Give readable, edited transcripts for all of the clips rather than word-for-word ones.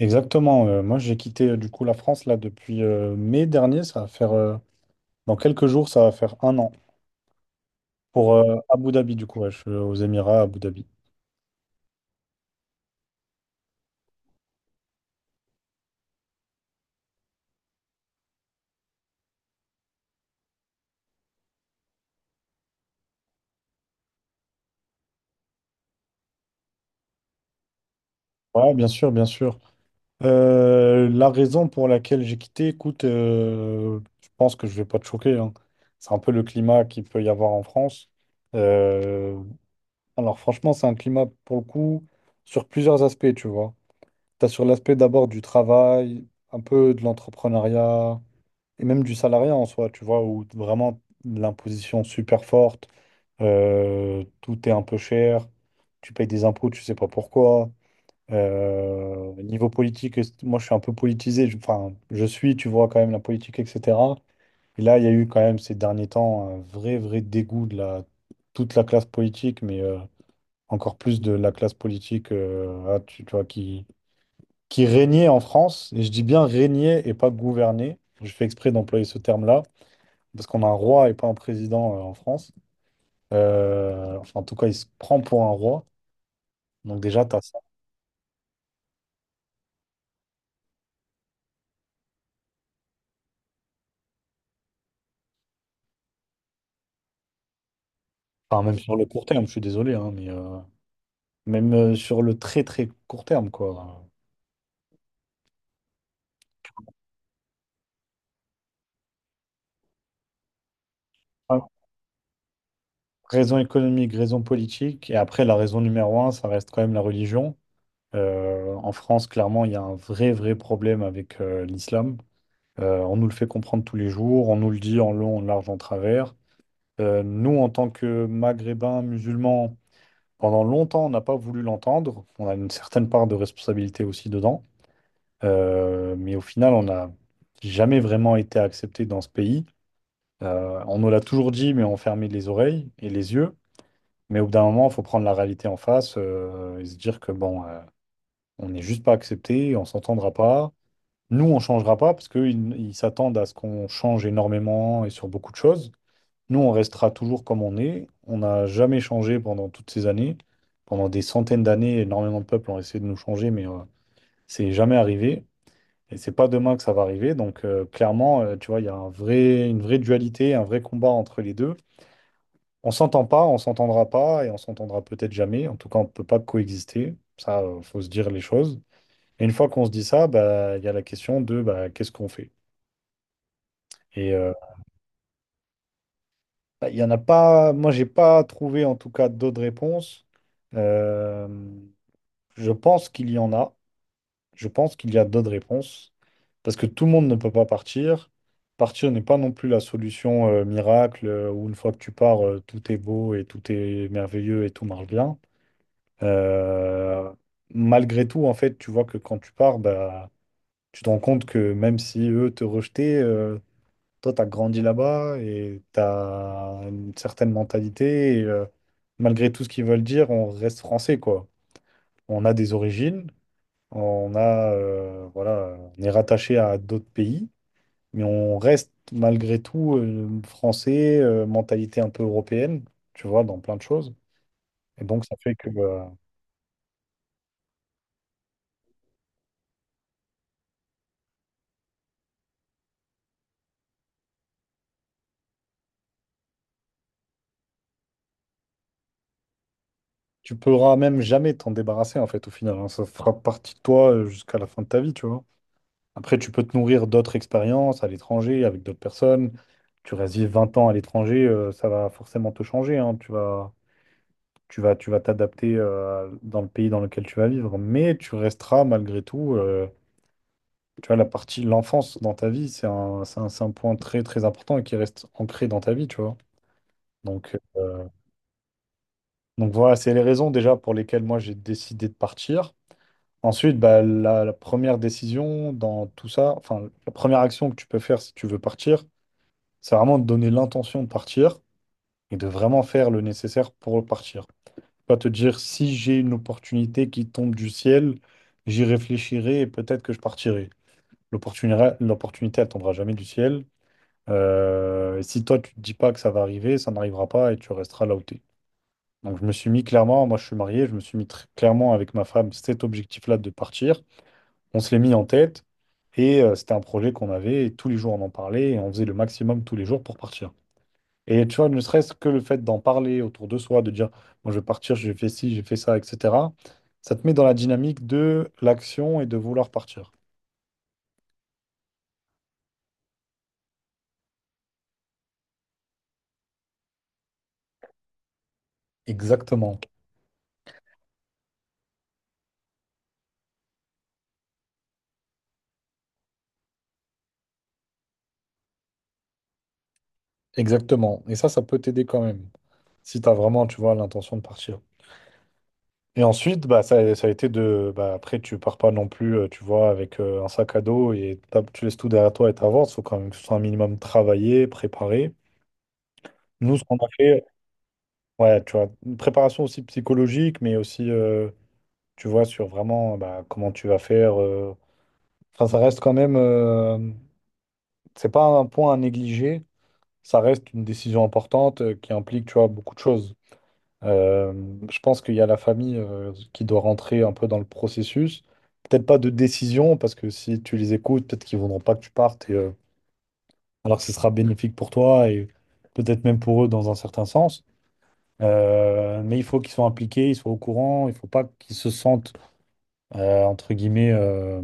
Exactement. Moi, j'ai quitté du coup la France là depuis mai dernier. Ça va faire dans quelques jours, ça va faire un an pour Abu Dhabi du coup. Ouais, je suis aux Émirats, à Abu Dhabi. Ouais, bien sûr, bien sûr. La raison pour laquelle j'ai quitté, écoute, je pense que je vais pas te choquer, hein. C'est un peu le climat qu'il peut y avoir en France. Euh, alors franchement, c'est un climat pour le coup sur plusieurs aspects, tu vois. T'as sur l'aspect d'abord du travail, un peu de l'entrepreneuriat et même du salariat en soi, tu vois, où vraiment l'imposition super forte, tout est un peu cher, tu payes des impôts, tu sais pas pourquoi. Niveau politique, moi je suis un peu politisé, enfin je suis, tu vois quand même la politique, etc. Et là, il y a eu quand même ces derniers temps un vrai, vrai dégoût de la, toute la classe politique, mais encore plus de la classe politique tu vois, qui régnait en France, et je dis bien régnait et pas gouvernait. Je fais exprès d'employer ce terme-là, parce qu'on a un roi et pas un président en France. Enfin, en tout cas, il se prend pour un roi. Donc déjà, tu as ça. Enfin, même sur le court terme, je suis désolé, hein, mais, même sur le très très court terme, quoi. Ah, raison économique, raison politique, et après la raison numéro un, ça reste quand même la religion. En France, clairement, il y a un vrai vrai problème avec l'islam. On nous le fait comprendre tous les jours, on nous le dit en long, en large, en travers. Nous, en tant que Maghrébins musulmans, pendant longtemps, on n'a pas voulu l'entendre. On a une certaine part de responsabilité aussi dedans. Mais au final, on n'a jamais vraiment été accepté dans ce pays. On nous l'a toujours dit, mais on fermait les oreilles et les yeux. Mais au bout d'un moment, il faut prendre la réalité en face, et se dire que bon, on n'est juste pas accepté, on s'entendra pas. Nous, on changera pas parce qu'ils s'attendent à ce qu'on change énormément et sur beaucoup de choses. Nous, on restera toujours comme on est. On n'a jamais changé pendant toutes ces années. Pendant des centaines d'années, énormément de peuples ont essayé de nous changer, mais c'est jamais arrivé. Et c'est pas demain que ça va arriver. Donc, clairement, tu vois, il y a un vrai, une vraie dualité, un vrai combat entre les deux. On s'entend pas, on s'entendra pas et on s'entendra peut-être jamais. En tout cas, on ne peut pas coexister. Ça, faut se dire les choses. Et une fois qu'on se dit ça, bah, il y a la question de bah, qu'est-ce qu'on fait? Et bah, il y en a pas. Moi, j'ai pas trouvé en tout cas d'autres réponses. Euh, je pense qu'il y en a. Je pense qu'il y a d'autres réponses parce que tout le monde ne peut pas partir. Partir n'est pas non plus la solution miracle, où une fois que tu pars, tout est beau et tout est merveilleux et tout marche bien. Euh, Malgré tout, en fait, tu vois que quand tu pars, bah, tu te rends compte que même si eux te rejetaient, toi, tu as grandi là-bas et tu as une certaine mentalité. Et, malgré tout ce qu'ils veulent dire, on reste français, quoi. On a des origines, on a, voilà, on est rattaché à d'autres pays, mais on reste malgré tout français, mentalité un peu européenne, tu vois, dans plein de choses. Et donc, ça fait que. Tu pourras même jamais t'en débarrasser, en fait, au final, hein. Ça fera partie de toi jusqu'à la fin de ta vie, tu vois. Après, tu peux te nourrir d'autres expériences à l'étranger, avec d'autres personnes. Tu restes vivre 20 ans à l'étranger, ça va forcément te changer, hein. Tu vas t'adapter, dans le pays dans lequel tu vas vivre. Mais tu resteras, malgré tout, tu vois, la partie, l'enfance dans ta vie, c'est un point très, très important et qui reste ancré dans ta vie, tu vois. Donc, voilà, c'est les raisons déjà pour lesquelles moi j'ai décidé de partir. Ensuite, bah, la première décision dans tout ça, enfin, la première action que tu peux faire si tu veux partir, c'est vraiment de donner l'intention de partir et de vraiment faire le nécessaire pour partir. Pas te dire si j'ai une opportunité qui tombe du ciel, j'y réfléchirai et peut-être que je partirai. L'opportunité, l'opportunité, elle tombera jamais du ciel. Et si toi, tu te dis pas que ça va arriver, ça n'arrivera pas et tu resteras là où t'es. Donc, je me suis mis clairement, moi je suis marié, je me suis mis très clairement avec ma femme cet objectif-là de partir. On se l'est mis en tête et c'était un projet qu'on avait et tous les jours on en parlait et on faisait le maximum tous les jours pour partir. Et tu vois, ne serait-ce que le fait d'en parler autour de soi, de dire, moi je vais partir, j'ai fait ci, j'ai fait ça, etc., ça te met dans la dynamique de l'action et de vouloir partir. Exactement, exactement. Et ça peut t'aider quand même, si tu as vraiment, tu vois, l'intention de partir. Et ensuite, bah, ça a été de. Bah, après, tu pars pas non plus, tu vois, avec un sac à dos et tu laisses tout derrière toi et t'avances. Il faut quand même que ce soit un minimum travaillé, préparé. Nous, ce qu'on a fait, ouais, tu vois, une préparation aussi psychologique, mais aussi, tu vois, sur vraiment bah, comment tu vas faire. Enfin, ça reste quand même. C'est pas un point à négliger. Ça reste une décision importante, qui implique, tu vois, beaucoup de choses. Euh, je pense qu'il y a la famille qui doit rentrer un peu dans le processus. Peut-être pas de décision, parce que si tu les écoutes, peut-être qu'ils voudront pas que tu partes, et, alors que ce sera bénéfique pour toi et peut-être même pour eux dans un certain sens. Mais il faut qu'ils soient impliqués, ils soient au courant, il faut pas qu'ils se sentent, entre guillemets, euh,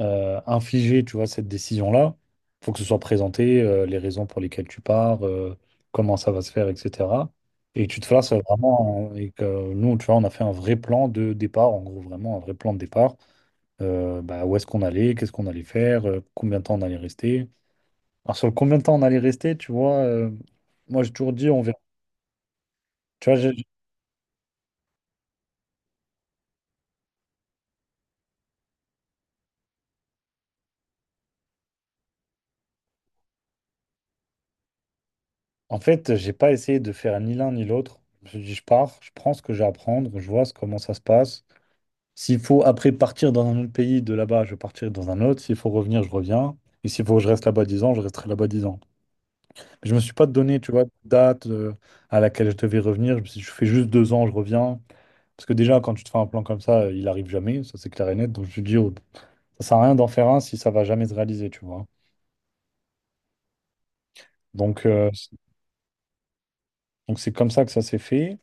euh, infliger, tu vois, cette décision-là. Il faut que ce soit présenté, les raisons pour lesquelles tu pars, comment ça va se faire, etc. Et que tu te fasses vraiment, et que nous, tu vois, on a fait un vrai plan de départ, en gros, vraiment un vrai plan de départ. Bah, où est-ce qu'on allait, qu'est-ce qu'on allait faire, combien de temps on allait rester. Alors, sur le combien de temps on allait rester, tu vois, moi, j'ai toujours dit, on verra. Tu vois, en fait, j'ai pas essayé de faire ni l'un ni l'autre. Je me suis dit, je pars, je prends ce que j'ai à prendre, je vois comment ça se passe. S'il faut après partir dans un autre pays, de là-bas, je partirai dans un autre. S'il faut revenir, je reviens. Et s'il faut que je reste là-bas 10 ans, je resterai là-bas 10 ans. Mais je ne me suis pas donné, tu vois, de date, à laquelle je devais revenir. Je me suis dit, je fais juste 2 ans, je reviens. Parce que déjà, quand tu te fais un plan comme ça, il arrive jamais, ça c'est clair et net. Donc je me dis, oh, ça sert à rien d'en faire un si ça va jamais se réaliser, tu vois. Donc c'est comme ça que ça s'est fait.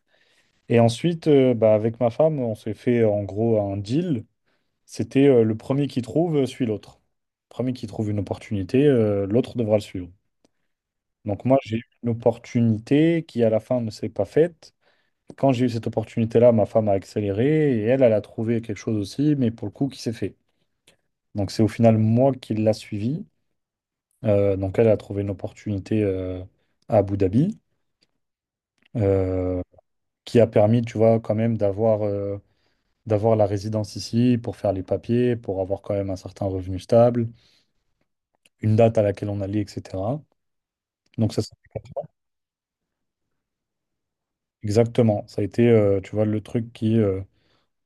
Et ensuite, bah, avec ma femme, on s'est fait en gros un deal. C'était le premier qui trouve suit l'autre. Le premier qui trouve une opportunité, l'autre devra le suivre. Donc moi, j'ai eu une opportunité qui, à la fin, ne s'est pas faite. Quand j'ai eu cette opportunité-là, ma femme a accéléré et elle, elle a trouvé quelque chose aussi, mais pour le coup, qui s'est fait. Donc c'est au final moi qui l'a suivi. Donc elle a trouvé une opportunité à Abu Dhabi, euh, qui a permis, tu vois, quand même d'avoir la résidence ici pour faire les papiers, pour avoir quand même un certain revenu stable. Une date à laquelle on allait, etc. Donc ça, c'est- exactement, ça a été, tu vois, le truc qui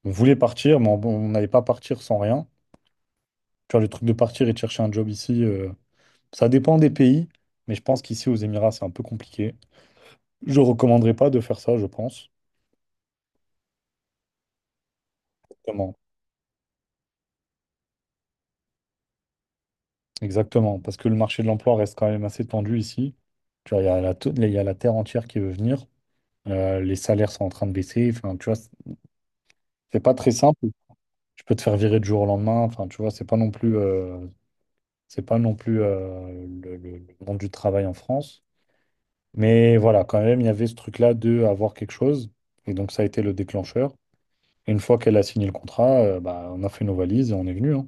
on voulait partir, mais on n'allait pas partir sans rien. Tu vois, le truc de partir et de chercher un job ici, ça dépend des pays, mais je pense qu'ici aux Émirats, c'est un peu compliqué. Je recommanderais pas de faire ça, je pense. Exactement, exactement, parce que le marché de l'emploi reste quand même assez tendu ici. Tu vois, il y a la, il y a la terre entière qui veut venir. Les salaires sont en train de baisser. Enfin, tu vois, c'est pas très simple. Tu peux te faire virer du jour au lendemain. Enfin, tu vois, c'est pas non plus le, le monde du travail en France. Mais voilà, quand même, il y avait ce truc-là de avoir quelque chose. Et donc, ça a été le déclencheur. Et une fois qu'elle a signé le contrat, bah, on a fait nos valises et on est venu, hein.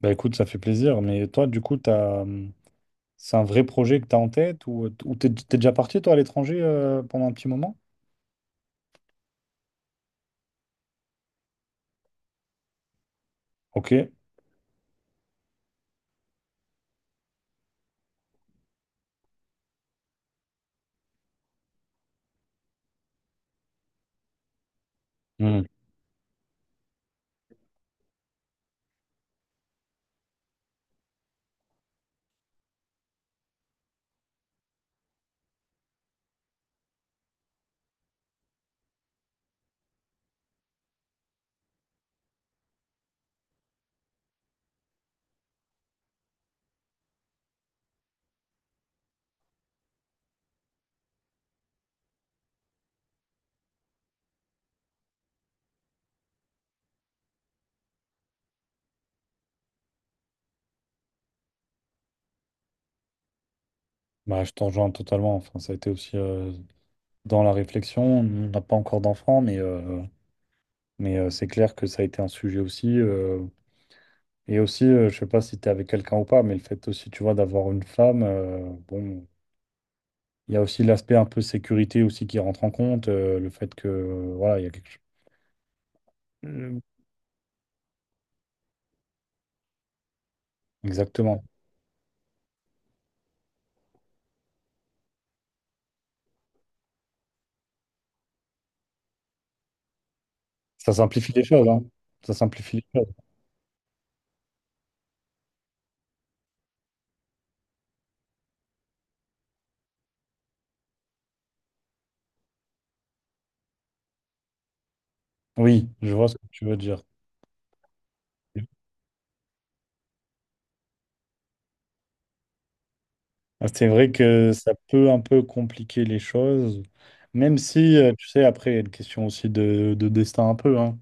Bah écoute, ça fait plaisir. Mais toi, du coup, t'as c'est un vrai projet que tu as en tête ou ou t'es déjà parti, toi, à l'étranger pendant un petit moment? Ok. Hmm. Bah, je t'en rejoins totalement. Enfin, ça a été aussi dans la réflexion. On n'a pas encore d'enfants, mais c'est clair que ça a été un sujet aussi. Et aussi, je sais pas si tu es avec quelqu'un ou pas, mais le fait aussi, tu vois, d'avoir une femme, bon, il y a aussi l'aspect un peu sécurité aussi qui rentre en compte, le fait que, voilà, il y a quelque chose. Mm. Exactement. Ça simplifie les choses, hein. Ça simplifie les choses. Oui, je vois ce que tu veux dire. Ah, c'est vrai que ça peut un peu compliquer les choses, même si, tu sais, après, il y a une question aussi de destin un peu, hein.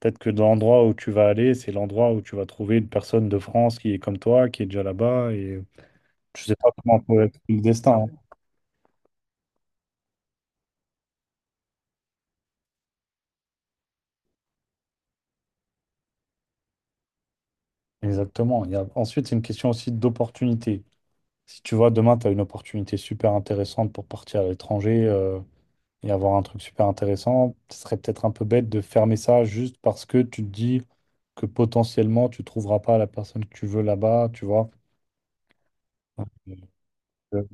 Peut-être que dans l'endroit où tu vas aller, c'est l'endroit où tu vas trouver une personne de France qui est comme toi, qui est déjà là-bas, et. Je sais pas comment on peut être le destin, hein. Exactement. Il y a... Ensuite, c'est une question aussi d'opportunité. Si tu vois, demain, tu as une opportunité super intéressante pour partir à l'étranger et avoir un truc super intéressant, ce serait peut-être un peu bête de fermer ça juste parce que tu te dis que potentiellement, tu trouveras pas la personne que tu veux là-bas, tu vois. Euh,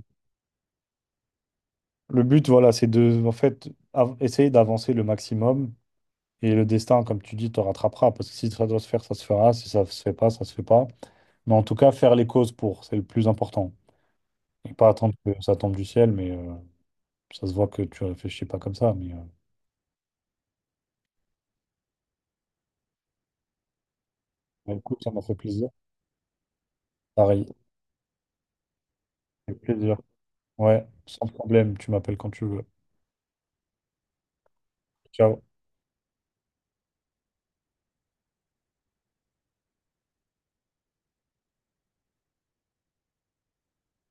Le but, voilà, c'est de, en fait, essayer d'avancer le maximum. Et le destin, comme tu dis, te rattrapera. Parce que si ça doit se faire, ça se fera. Si ça se fait pas, ça se fait pas. Mais en tout cas, faire les causes pour, c'est le plus important. Et pas attendre que ça tombe du ciel, ça se voit que tu réfléchis pas comme ça. Bah, écoute, ça m'a fait plaisir. Pareil, avec plaisir. Ouais, sans problème, tu m'appelles quand tu veux. Ciao.